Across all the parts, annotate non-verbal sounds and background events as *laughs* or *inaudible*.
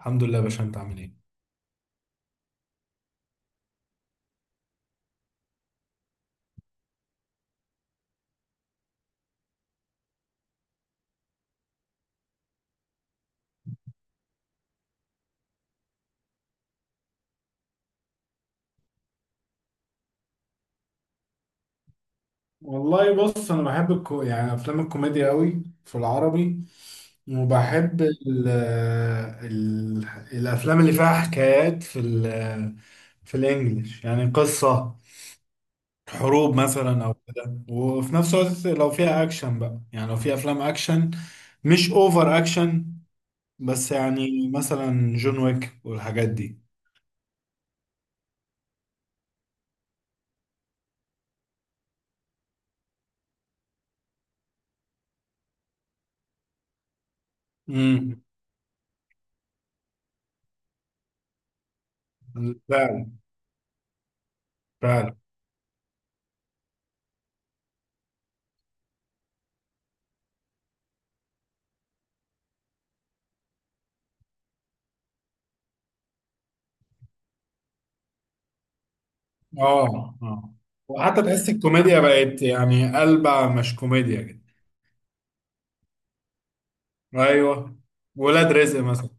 الحمد لله يا باشا، انت عامل ايه؟ والله بص، انا بحب يعني افلام الكوميديا قوي في العربي. وبحب الافلام اللي فيها حكايات في الانجليش، يعني قصة حروب مثلا او كده. وفي نفس الوقت لو فيها اكشن بقى، يعني لو في افلام اكشن مش اوفر اكشن، بس يعني مثلا جون ويك والحاجات دي. امم. فعلا، فعلا. اه، اه. وحتى تحس الكوميديا بقت يعني قلبة، مش كوميديا كده. ايوه. ولاد رزق مثلا.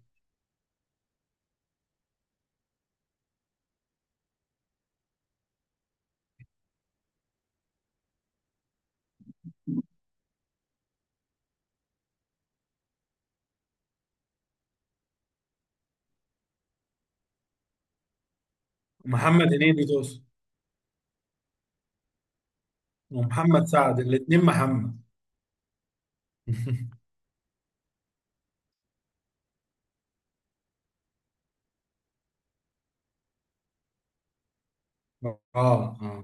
محمد هنيدي توصل. ومحمد سعد، الاتنين محمد. *laughs* اه، اه،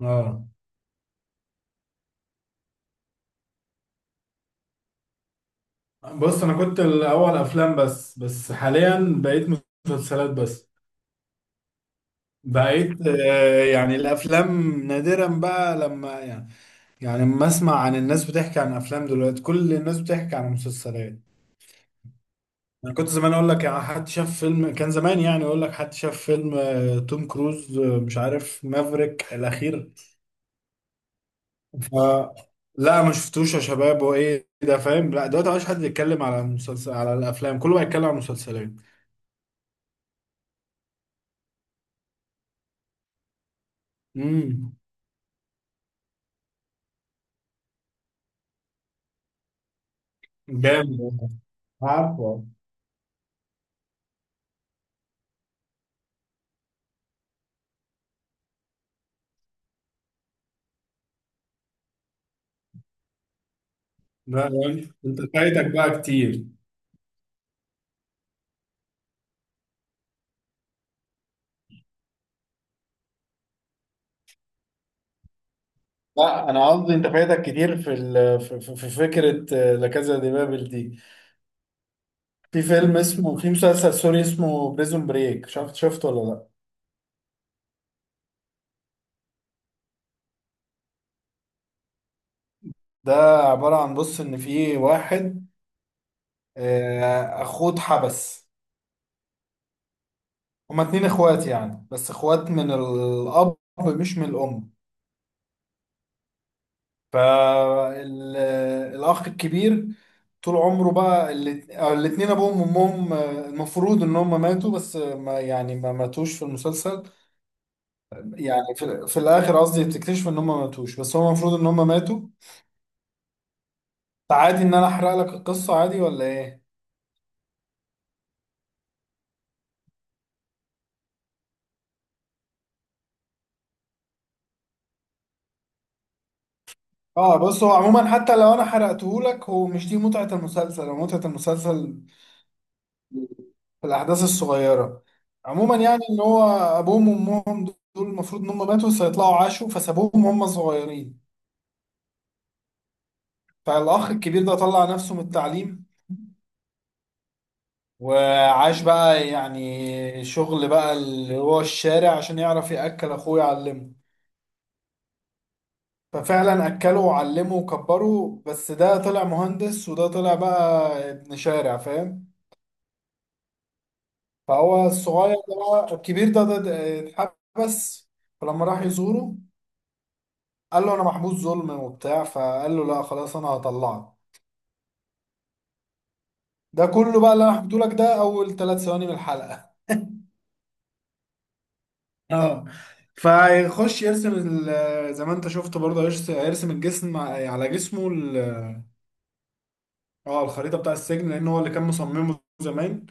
اه. بص، انا كنت الاول افلام بس، بس حاليا بقيت مسلسلات بس. بقيت يعني الافلام نادرا بقى لما يعني. يعني لما اسمع عن الناس بتحكي عن افلام، دلوقتي كل الناس بتحكي عن مسلسلات. انا كنت زمان اقول لك يعني حد شاف فيلم، كان زمان يعني اقول لك حد شاف فيلم توم كروز، مش عارف مافريك الاخير. ف لا، ما شفتوش يا شباب هو ايه ده فاهم، لا دلوقتي مبقاش حد يتكلم على المسلسل، على الافلام كله بقى يتكلم على المسلسلات. امم. جامد. عارفه. لا، يعني انت فايتك بقى كتير. لا، انا قصدي انت فايتك كتير في ال... في في- في فكره لا كازا دي بابل دي. في مسلسل سوري اسمه بريزون بريك، شفته ولا لا؟ ده عبارة عن، بص إن في واحد، أخوه اتحبس. هما اتنين إخوات يعني، بس إخوات من الأب مش من الأم. فالأخ الكبير طول عمره بقى، أو الاتنين أبوهم وأمهم المفروض إن هما ماتوا، بس ما يعني ما ماتوش في المسلسل. يعني في الآخر قصدي بتكتشف إن هما ماتوش، بس هو المفروض إن هما ماتوا. عادي إن أنا أحرق لك القصة، عادي ولا إيه؟ اه، بص هو عموما حتى لو انا حرقتهولك، هو مش دي متعة المسلسل، هو متعة المسلسل في الاحداث الصغيرة. عموما يعني ان هو ابوهم وامهم دول المفروض ان هم ماتوا، فيطلعوا عاشوا، فسابوهم وهم صغيرين. فالاخ الكبير ده طلع نفسه من التعليم، وعاش بقى يعني شغل بقى اللي هو الشارع عشان يعرف يأكل اخوه، يعلمه. ففعلا اكله وعلمه وكبره، بس ده طلع مهندس وده طلع بقى ابن شارع، فاهم. فهو الصغير ده بقى، الكبير ده اتحبس. فلما راح يزوره، قال له انا محبوس ظلم وبتاع، فقال له لا خلاص انا هطلعك. ده كله بقى اللي انا حكيته لك ده اول 3 ثواني من الحلقة. *laughs* اه. فيخش يرسم زي ما انت شفت برضه، هيرسم الجسم على جسمه. اه، الخريطة بتاع السجن، لان هو اللي كان مصممه زمان.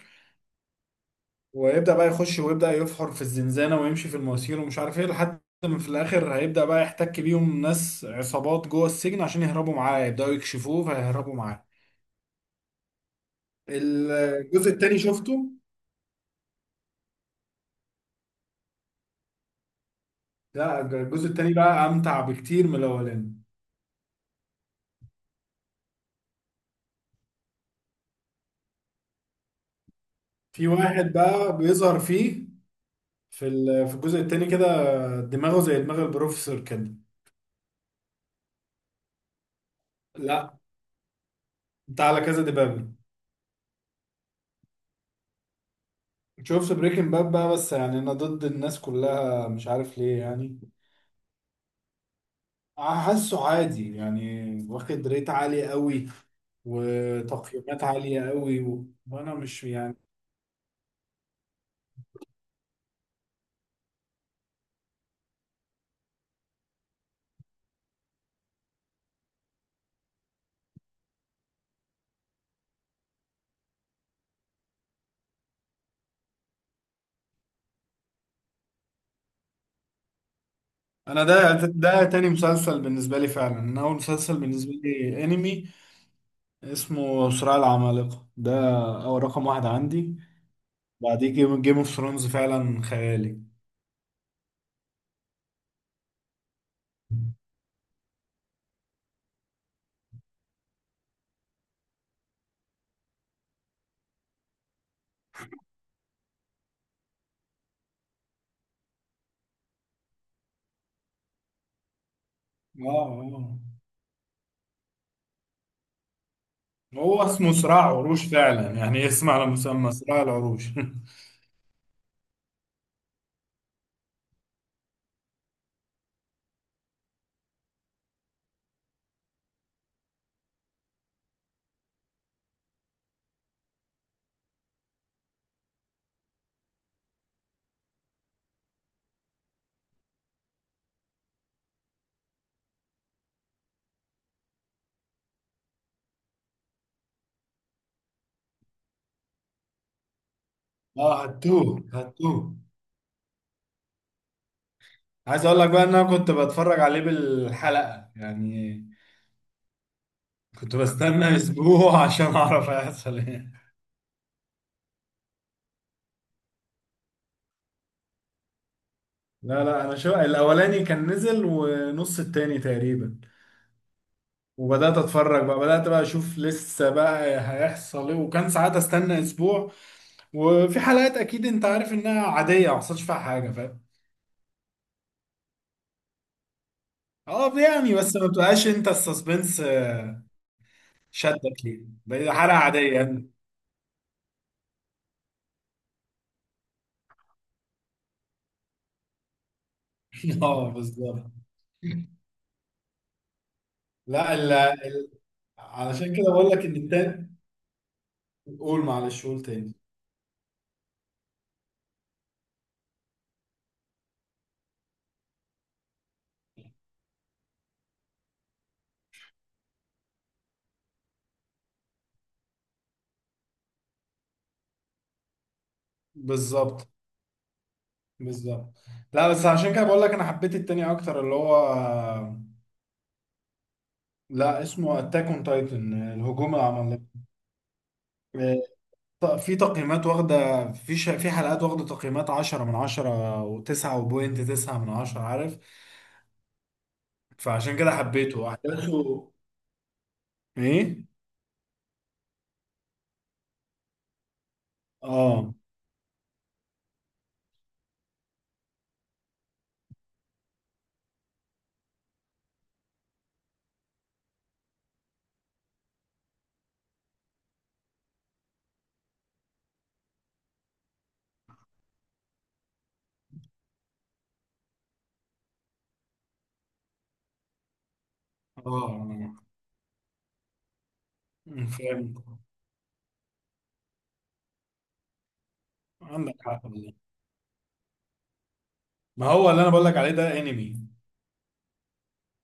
ويبدأ بقى يخش ويبدأ يفحر في الزنزانة ويمشي في المواسير ومش عارف ايه، لحد ما في الآخر هيبدأ بقى يحتك بيهم ناس عصابات جوه السجن عشان يهربوا معاه، يبدأوا يكشفوه فيهربوا معاه. الجزء التاني شفته؟ لا، الجزء التاني بقى أمتع بكتير من الأولاني. في واحد بقى بيظهر فيه في الجزء التاني كده، دماغه زي دماغ البروفيسور كده. لا، انت على كذا دبابة. شفت بريكنج باد بقى، بس يعني انا ضد الناس كلها مش عارف ليه يعني. حاسه عادي يعني، واخد ريت عالي قوي وتقييمات عالية قوي وانا مش يعني. انا ده تاني مسلسل بالنسبة لي، فعلا. انا اول مسلسل بالنسبة لي انمي، اسمه صراع العمالقة، ده اول رقم واحد عندي. بعديه جيم اوف ثرونز، فعلا خيالي. اه، اه. هو اسمه صراع عروش فعلا، يعني اسم على مسمى صراع العروش. *laughs* اه، هتوه هتوه. عايز اقول لك بقى، ان انا كنت بتفرج عليه بالحلقة يعني، كنت بستنى اسبوع *laughs* عشان اعرف هيحصل ايه. لا، لا، انا شو الاولاني كان نزل ونص التاني تقريبا، وبدات اتفرج بقى، بدات بقى اشوف لسه بقى هيحصل ايه، وكان ساعات استنى اسبوع. وفي حلقات اكيد انت عارف انها عاديه، ما حصلش فيها حاجه، فاهم. اه، يعني بس ما بتبقاش انت السسبنس شدك ليه بقى، حلقه عاديه يعني. *laughs* اه، بالظبط. لا، علشان كده بقول لك ان التاني. قول، معلش، قول تاني. بالظبط، بالظبط. لا بس عشان كده بقول لك انا حبيت التاني اكتر، اللي هو لا، اسمه اتاك اون تايتن، الهجوم العملاق. آه، في تقييمات واخده في حلقات واخده تقييمات 10 من 10 و9.9 من 10، عارف. فعشان كده حبيته احداثه. ايه. اه، اه. فهمت. عندك حق والله. ما هو اللي انا بقول لك عليه ده انمي،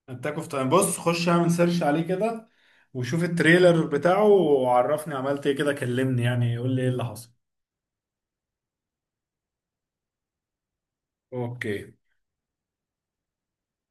اتاك اوف تايم. بص خش اعمل سيرش عليه كده، وشوف التريلر بتاعه وعرفني عملت ايه، كده كلمني يعني، قول لي ايه اللي حصل. اوكي.